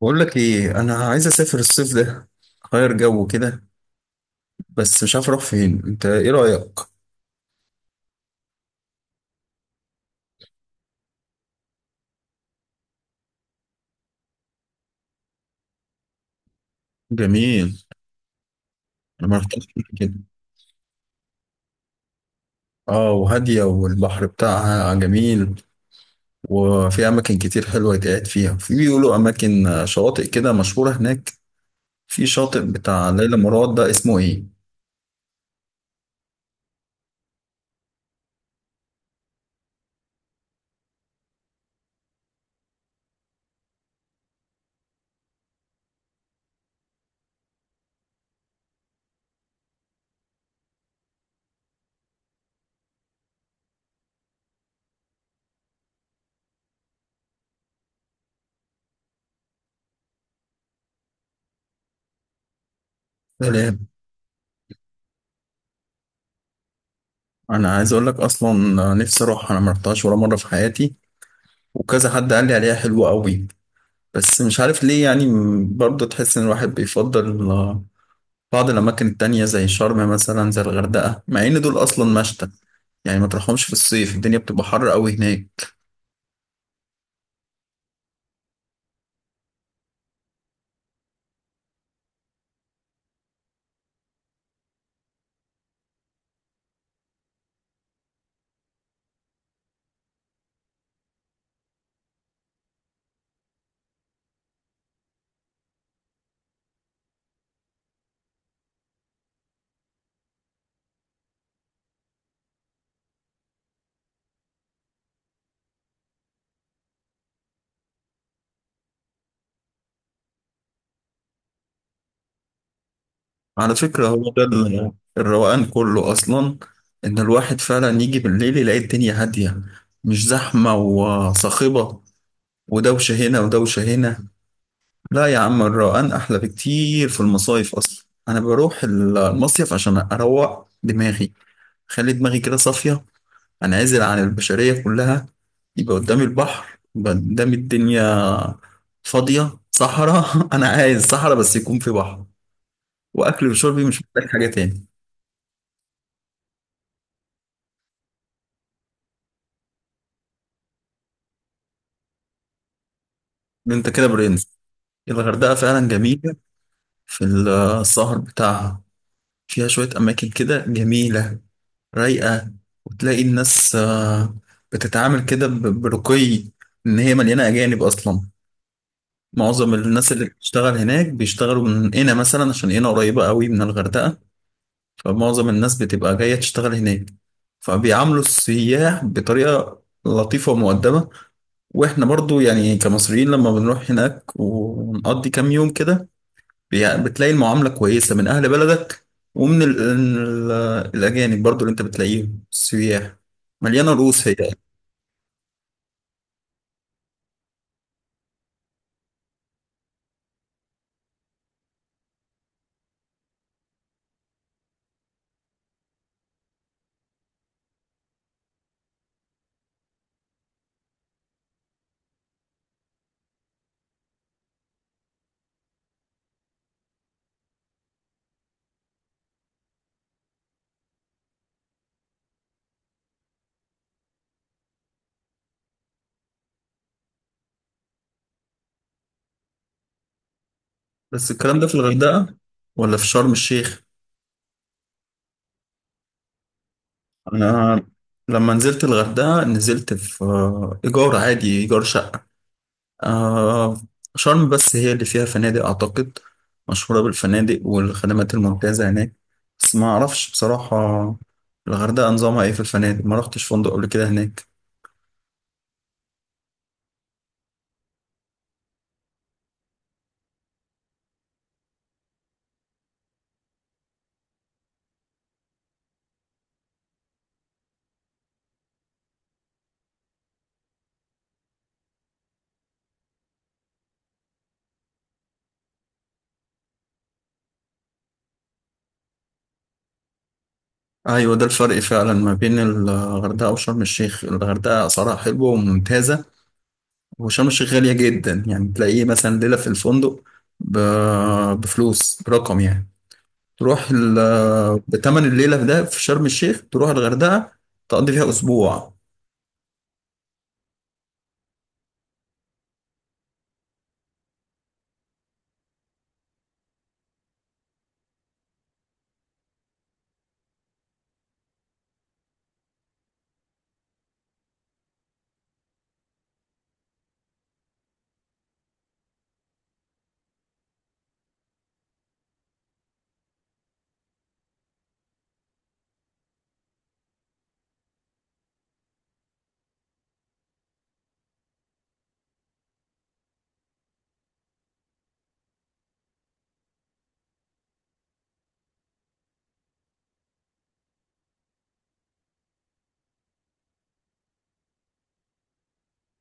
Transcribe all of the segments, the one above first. بقول لك ايه، انا عايز اسافر الصيف ده، اغير جو كده. بس مش عارف اروح فين، انت ايه رايك؟ جميل. انا ما رحتش قبل كده. اه وهاديه والبحر بتاعها جميل. وفي اماكن كتير حلوه يتقعد فيها. في بيقولوا اماكن شواطئ كده مشهوره هناك. في شاطئ بتاع ليلى مراد ده اسمه ايه؟ سلام. انا عايز اقول لك اصلا نفسي اروح، انا ما رحتهاش ولا مره في حياتي. وكذا حد قال لي عليها حلوه قوي. بس مش عارف ليه، يعني برضه تحس ان الواحد بيفضل بعض الأماكن التانية زي شرم مثلا، زي الغردقة، مع إن دول أصلا مشتى. يعني ما تروحهمش في الصيف، الدنيا بتبقى حر أوي هناك. على فكرة هو ده الروقان كله أصلا. إن الواحد فعلا يجي بالليل يلاقي الدنيا هادية، مش زحمة وصاخبة، ودوشة هنا ودوشة هنا. لا يا عم، الروقان أحلى بكتير في المصايف. أصلا أنا بروح المصيف عشان أروق دماغي، خلي دماغي كده صافية، أنعزل عن البشرية كلها، يبقى قدامي البحر، يبقى قدامي الدنيا فاضية صحراء. أنا عايز صحراء بس يكون في بحر، وأكل وشربي، مش محتاج حاجة تاني. أنت كده برنس. الغردقة فعلا جميلة في السهر بتاعها. فيها شوية أماكن كده جميلة، رايقة. وتلاقي الناس بتتعامل كده برقي. إن هي مليانة أجانب أصلا. معظم الناس اللي بتشتغل هناك بيشتغلوا من هنا مثلا، عشان هنا قريبة قوي من الغردقة. فمعظم الناس بتبقى جاية تشتغل هناك، فبيعاملوا السياح بطريقة لطيفة ومؤدبة. واحنا برضو يعني كمصريين، لما بنروح هناك ونقضي كام يوم كده بتلاقي المعاملة كويسة من أهل بلدك. ومن ال الأجانب برضو اللي أنت بتلاقيهم السياح. مليانة رؤوس هي. بس الكلام ده في الغردقة ولا في شرم الشيخ؟ أنا لما نزلت الغردقة، نزلت في إيجار عادي، إيجار شقة. آه شرم بس هي اللي فيها فنادق أعتقد، مشهورة بالفنادق والخدمات الممتازة هناك. بس ما أعرفش بصراحة الغردقة نظامها إيه في الفنادق، ما رحتش فندق قبل كده هناك. أيوة، ده الفرق فعلا ما بين الغردقة وشرم الشيخ. الغردقة أسعارها حلوة وممتازة، وشرم الشيخ غالية جدا. يعني تلاقيه مثلا ليلة في الفندق بفلوس برقم يعني. تروح بتمن الليلة في ده في شرم الشيخ، تروح الغردقة تقضي فيها أسبوع.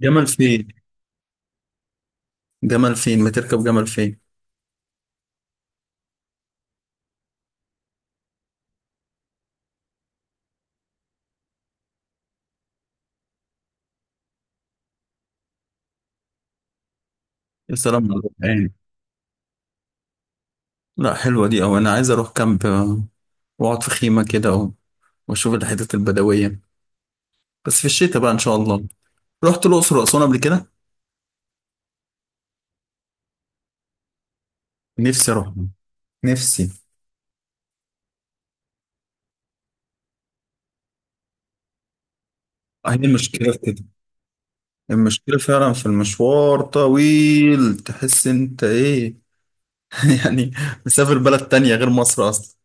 جمل فين؟ جمل فين، ما تركب جمل فين؟ يا سلام على الروقان. لا، حلوة دي أوي. أنا عايز أروح كامب وأقعد في خيمة كده وأشوف الحتت البدوية. بس في الشتاء بقى إن شاء الله. رحت الأقصر وأسوان قبل كده. نفسي أروح. نفسي. هي المشكلة في كده. المشكلة فعلا في المشوار طويل، تحس أنت إيه يعني مسافر بلد تانية غير مصر أصلا.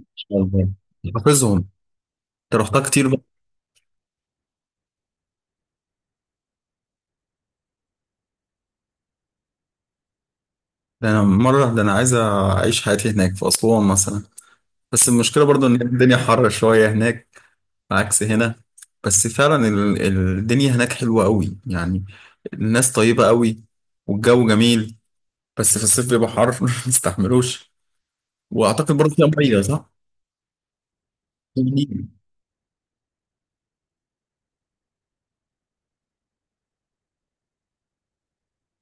إن شاء الله. حافظهم. أنت رحتها كتير بقى. ده أنا مرة، ده أنا عايز أعيش حياتي هناك في أسوان مثلا. بس المشكلة برضو إن الدنيا حر شوية هناك، عكس هنا. بس فعلا الدنيا هناك حلوة قوي يعني. الناس طيبة قوي، والجو جميل. بس في الصيف بيبقى حر ما تستحملوش. وأعتقد برضو فيها مية، صح؟ في نيل،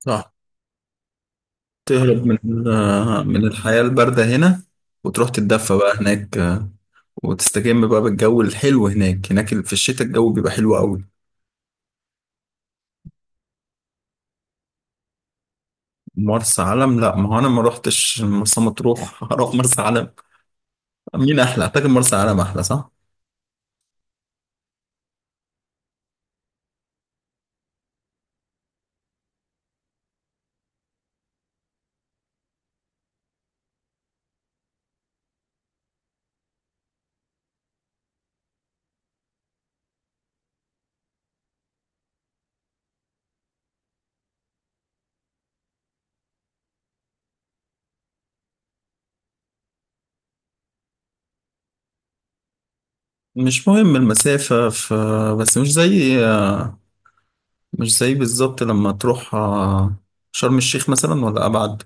صح. تهرب من من الحياة الباردة هنا، وتروح تتدفى بقى هناك وتستجم بقى بالجو الحلو. هناك هناك في الشتاء الجو بيبقى حلو قوي. مرسى علم؟ لا، ما هو انا ما روحتش مرسى مطروح هروح مرسى علم. مين احلى؟ اعتقد مرسى علم احلى، صح؟ مش مهم المسافة ف... بس مش زي، مش زي بالظبط لما تروح شرم الشيخ مثلا ولا ابعد؟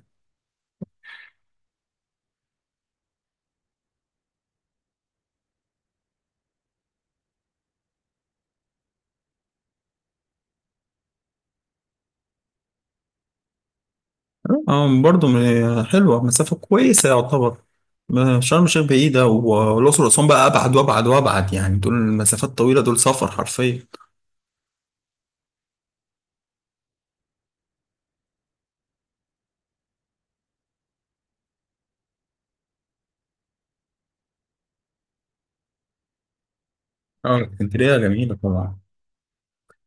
برضو حلوة، مسافة كويسة يعتبر. شرم الشيخ بعيدة والأقصر وأسوان بقى أبعد وأبعد وأبعد، يعني دول المسافات الطويلة، دول سفر حرفيا. اه، اسكندرية جميلة طبعا.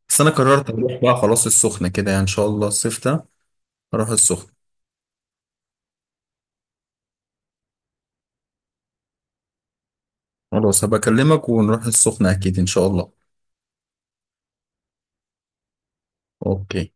بس أنا قررت أروح بقى خلاص السخنة كده، يعني إن شاء الله الصيف ده أروح السخنة. خلاص، هبقى أكلمك ونروح السخنة أكيد إن شاء الله. أوكي.